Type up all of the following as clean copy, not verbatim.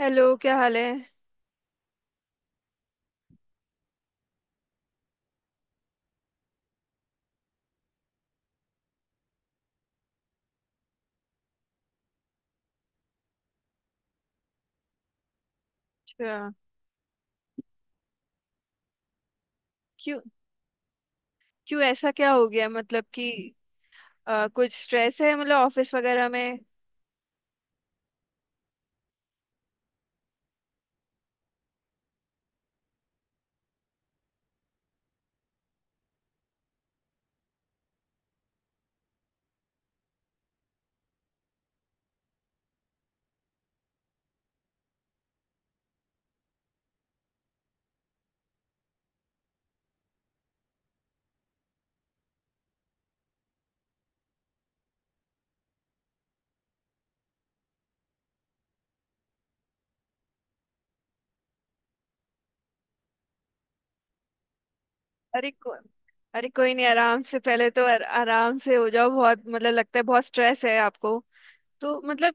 Hello, क्या हाल है? अच्छा। क्यों? क्यों ऐसा क्या हो गया? मतलब कि कुछ स्ट्रेस है, मतलब ऑफिस वगैरह में? अरे को, अरे कोई नहीं, आराम से। पहले तो आराम से हो जाओ। बहुत मतलब लगता है बहुत स्ट्रेस है आपको, तो मतलब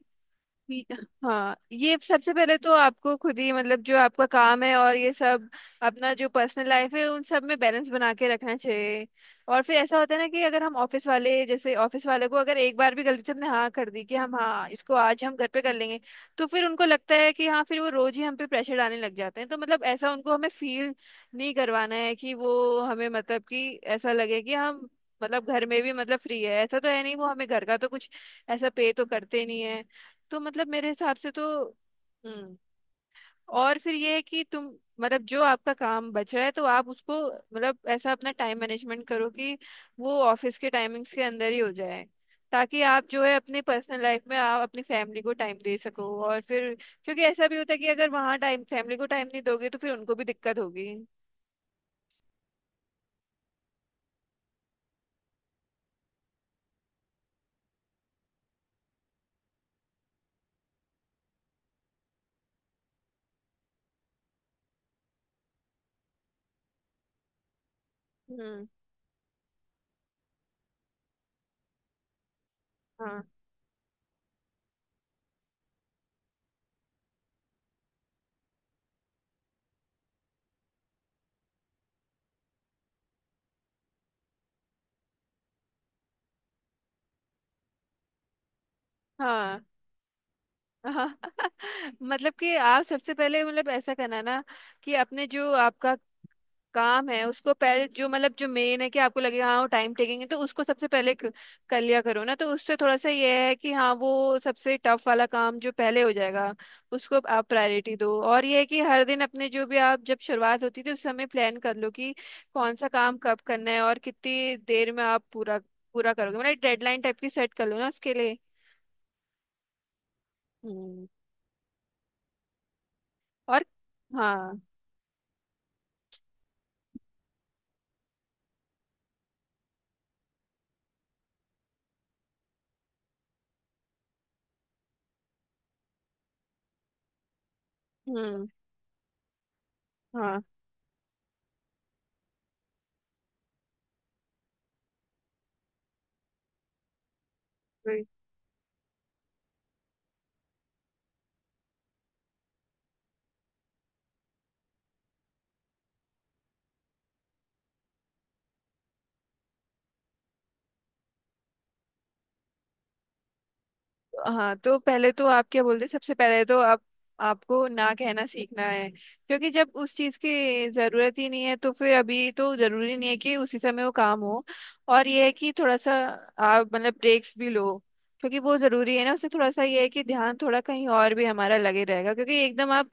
ठीक है। हाँ, ये सबसे पहले तो आपको खुद ही मतलब जो आपका काम है और ये सब अपना जो पर्सनल लाइफ है, उन सब में बैलेंस बना के रखना चाहिए। और फिर ऐसा होता है ना कि अगर हम ऑफिस वाले, जैसे ऑफिस वाले को अगर एक बार भी गलती से हमने हाँ कर दी कि हम हाँ इसको आज हम घर पे कर लेंगे, तो फिर उनको लगता है कि हाँ, फिर वो रोज ही हम पे प्रेशर डालने लग जाते हैं। तो मतलब ऐसा उनको हमें फील नहीं करवाना है कि वो हमें मतलब कि ऐसा लगे कि हम मतलब घर में भी मतलब फ्री है। ऐसा तो है नहीं, वो हमें घर का तो कुछ ऐसा पे तो करते नहीं है। तो मतलब मेरे हिसाब से तो हम्म। और फिर ये है कि तुम मतलब जो आपका काम बच रहा है, तो आप उसको मतलब ऐसा अपना टाइम मैनेजमेंट करो कि वो ऑफिस के टाइमिंग्स के अंदर ही हो जाए, ताकि आप जो है अपनी पर्सनल लाइफ में आप अपनी फैमिली को टाइम दे सको। और फिर क्योंकि ऐसा भी होता है कि अगर वहाँ टाइम फैमिली को टाइम नहीं दोगे तो फिर उनको भी दिक्कत होगी। हम्म। हाँ। हाँ। हाँ। मतलब कि आप सबसे पहले मतलब ऐसा करना ना कि अपने जो आपका काम है उसको पहले जो मतलब जो मेन है कि आपको लगेगा हाँ वो टाइम टेकिंग है, तो उसको सबसे पहले कर लिया करो ना। तो उससे थोड़ा सा ये है कि हाँ, वो सबसे टफ वाला काम जो पहले हो जाएगा, उसको आप प्रायोरिटी दो। और ये है कि हर दिन अपने जो भी आप जब शुरुआत होती थी उस समय प्लान कर लो कि कौन सा काम कब करना है और कितनी देर में आप पूरा पूरा करोगे, मतलब डेडलाइन टाइप की सेट कर लो ना उसके लिए। हम्म। और हाँ। हम्म। हाँ। हाँ। तो पहले तो आप क्या बोलते हैं, सबसे पहले तो आप आपको ना कहना सीखना है, क्योंकि जब उस चीज की जरूरत ही नहीं है तो फिर अभी तो जरूरी नहीं है कि उसी समय वो काम हो। और ये है कि थोड़ा सा आप मतलब ब्रेक्स भी लो, क्योंकि वो जरूरी है ना। उससे थोड़ा सा ये है कि ध्यान थोड़ा कहीं और भी हमारा लगे रहेगा, क्योंकि एकदम आप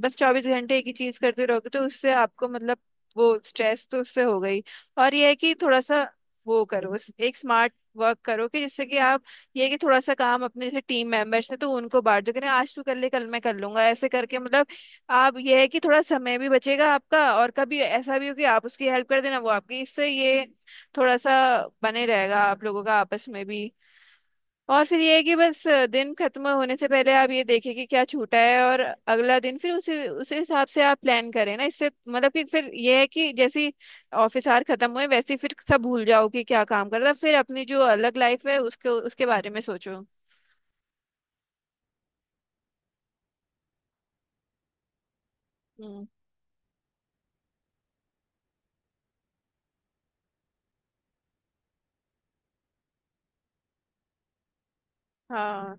बस 24 घंटे एक ही चीज करते रहोगे तो उससे आपको मतलब वो स्ट्रेस तो उससे हो गई। और ये है कि थोड़ा सा वो करो, एक स्मार्ट वर्क करो कि जिससे कि आप ये कि थोड़ा सा काम अपने जैसे टीम मेंबर्स हैं तो उनको बांट दो कि नहीं, आज तू कर ले कल मैं कर लूंगा। ऐसे करके मतलब आप ये है कि थोड़ा समय भी बचेगा आपका, और कभी ऐसा भी हो कि आप उसकी हेल्प कर देना, वो आपकी। इससे ये थोड़ा सा बने रहेगा आप लोगों का आपस में भी। और फिर ये है कि बस दिन खत्म होने से पहले आप ये देखें कि क्या छूटा है, और अगला दिन फिर उसी उसी हिसाब से आप प्लान करें ना। इससे मतलब कि फिर ये है कि जैसी ऑफिस आवर खत्म हुए वैसे ही फिर सब भूल जाओ कि क्या काम कर रहा था, फिर अपनी जो अलग लाइफ है उसके उसके बारे में सोचो। हम्म। हाँ।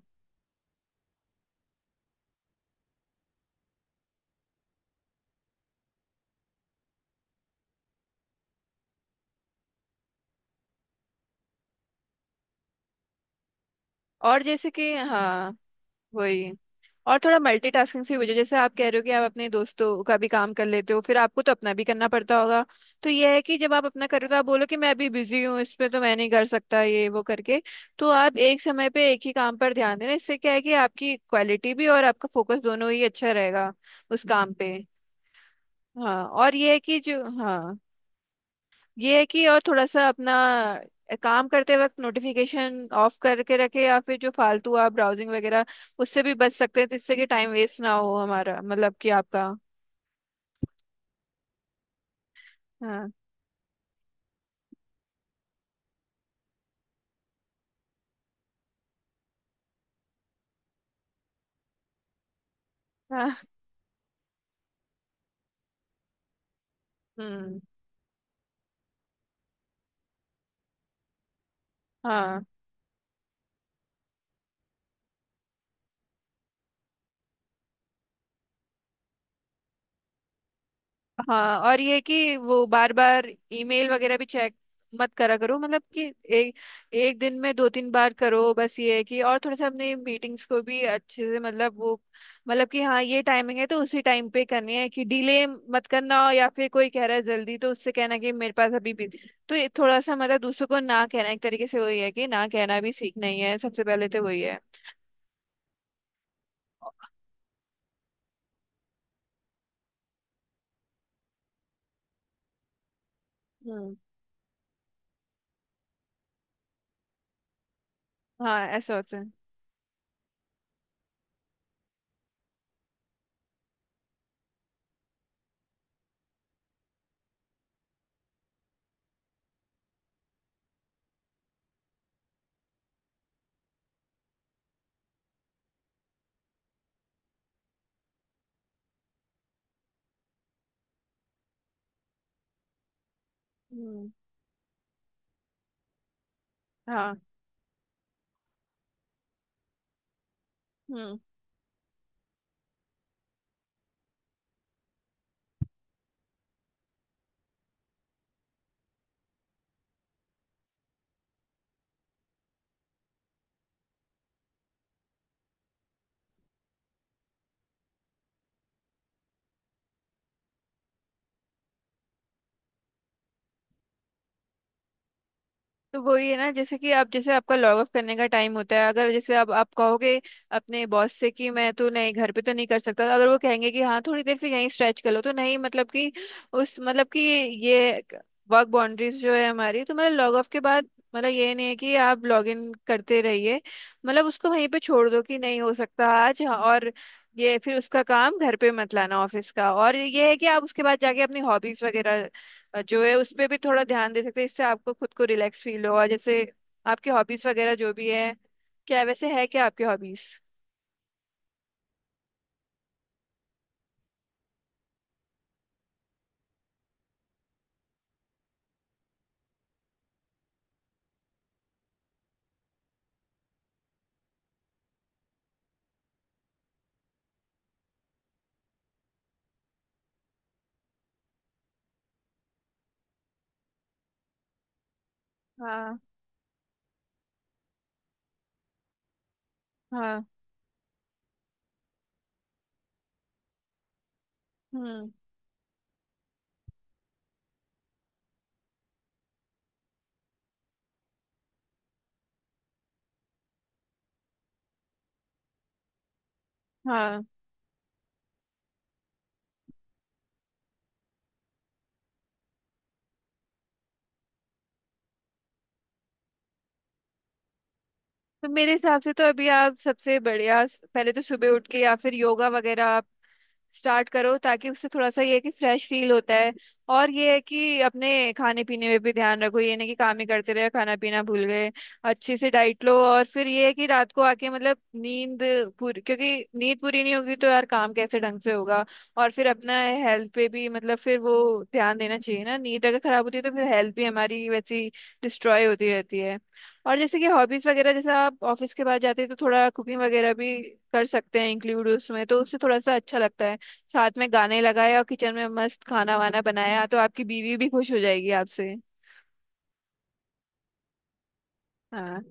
और जैसे कि हाँ, वही। और थोड़ा मल्टीटास्किंग से हो जाए, जैसे आप कह रहे हो कि आप अपने दोस्तों का भी काम कर लेते हो, फिर आपको तो अपना भी करना पड़ता होगा। तो यह है कि जब आप अपना करो तो आप बोलो कि मैं अभी बिजी हूँ, इस पे तो मैं नहीं कर सकता, ये वो करके। तो आप एक समय पे एक ही काम पर ध्यान देना, इससे क्या है कि आपकी क्वालिटी भी और आपका फोकस दोनों ही अच्छा रहेगा उस काम पे। हाँ। और यह है कि जो हाँ, ये है कि और थोड़ा सा अपना काम करते वक्त नोटिफिकेशन ऑफ करके रखे, या फिर जो फालतू आप ब्राउजिंग वगैरह, उससे भी बच सकते हैं जिससे कि टाइम वेस्ट ना हो हमारा, मतलब कि आपका। हाँ। हाँ। हम्म। हाँ। हाँ। और ये कि वो बार बार ईमेल वगैरह भी चेक मत करा करो, मतलब कि एक एक दिन में दो तीन बार करो बस। ये है कि और थोड़ा सा अपने मीटिंग्स को भी अच्छे से मतलब वो मतलब कि हाँ, ये टाइमिंग है तो उसी टाइम पे करनी है कि डिले मत करना हो, या फिर कोई कह रहा है जल्दी तो उससे कहना कि मेरे पास अभी भी। तो ये थोड़ा सा मतलब दूसरों को ना कहना एक तरीके से वही है कि ना कहना भी सीखना ही है। सबसे पहले तो वही है। हम्म। हाँ, ऐसा होता है। हम्म। हाँ। हम्म। तो वही है ना, जैसे कि आप जैसे आपका लॉग ऑफ करने का टाइम होता है, अगर जैसे आप कहोगे अपने बॉस से कि मैं तो नहीं घर पे तो नहीं कर सकता, अगर वो कहेंगे कि हाँ थोड़ी देर फिर यहीं स्ट्रेच कर लो, तो नहीं मतलब कि उस मतलब कि ये वर्क बाउंड्रीज जो है हमारी, तो मतलब लॉग ऑफ के बाद मतलब ये नहीं है कि आप लॉग इन करते रहिए। मतलब उसको वहीं पे छोड़ दो कि नहीं हो सकता आज। हाँ, और ये फिर उसका काम घर पे मत लाना ऑफिस का। और ये है कि आप उसके बाद जाके अपनी हॉबीज वगैरह जो है उस पे भी थोड़ा ध्यान दे सकते हैं। इससे आपको खुद को रिलैक्स फील होगा। जैसे आपकी हॉबीज वगैरह जो भी है, क्या वैसे है क्या आपकी हॉबीज? हाँ। हाँ। हम्म। हाँ। तो मेरे हिसाब से तो अभी आप सबसे बढ़िया पहले तो सुबह उठ के या फिर योगा वगैरह स्टार्ट करो, ताकि उससे थोड़ा सा ये है कि फ्रेश फील होता है। और ये है कि अपने खाने पीने में भी ध्यान रखो, ये नहीं कि काम ही करते रहे खाना पीना भूल गए। अच्छे से डाइट लो, और फिर ये है कि रात को आके मतलब नींद पूरी, क्योंकि नींद पूरी नहीं होगी तो यार काम कैसे ढंग से होगा। और फिर अपना हेल्थ पे भी मतलब फिर वो ध्यान देना चाहिए ना। नींद अगर खराब होती है तो फिर हेल्थ भी हमारी वैसी डिस्ट्रॉय होती रहती है। और जैसे कि हॉबीज वगैरह जैसे आप ऑफिस के बाद जाते हैं, तो थोड़ा कुकिंग वगैरह भी कर सकते हैं इंक्लूड उसमें, तो उससे थोड़ा सा अच्छा लगता है। साथ में गाने लगाए और किचन में मस्त खाना वाना बनाया तो आपकी बीवी भी खुश हो जाएगी आपसे। हाँ।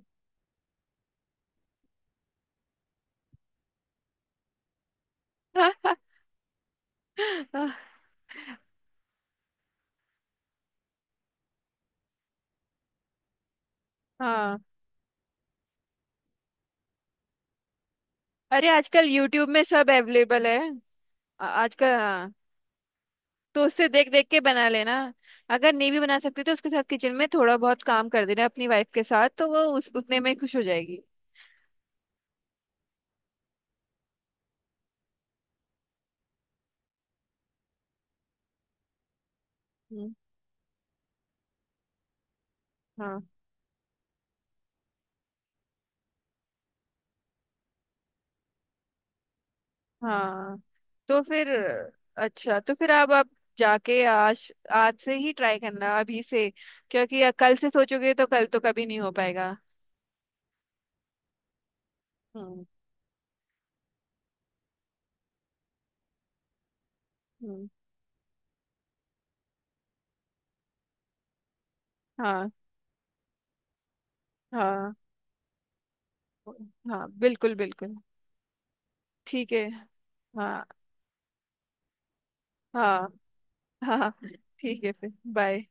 हाँ। अरे आजकल यूट्यूब में सब अवेलेबल है। आजकल हाँ, तो उससे देख देख के बना लेना। अगर नहीं भी बना सकते तो उसके साथ किचन में थोड़ा बहुत काम कर देना अपनी वाइफ के साथ, तो वो उस उतने में खुश हो जाएगी। हम्म। हाँ। हाँ, तो फिर अच्छा तो फिर अब आप जाके आज आज से ही ट्राई करना अभी से, क्योंकि कल से सोचोगे तो कल तो कभी नहीं हो पाएगा। हम्म। हम्म। हाँ। हाँ। हाँ, बिल्कुल बिल्कुल। ठीक है। हाँ। हाँ। हाँ। ठीक है, फिर बाय।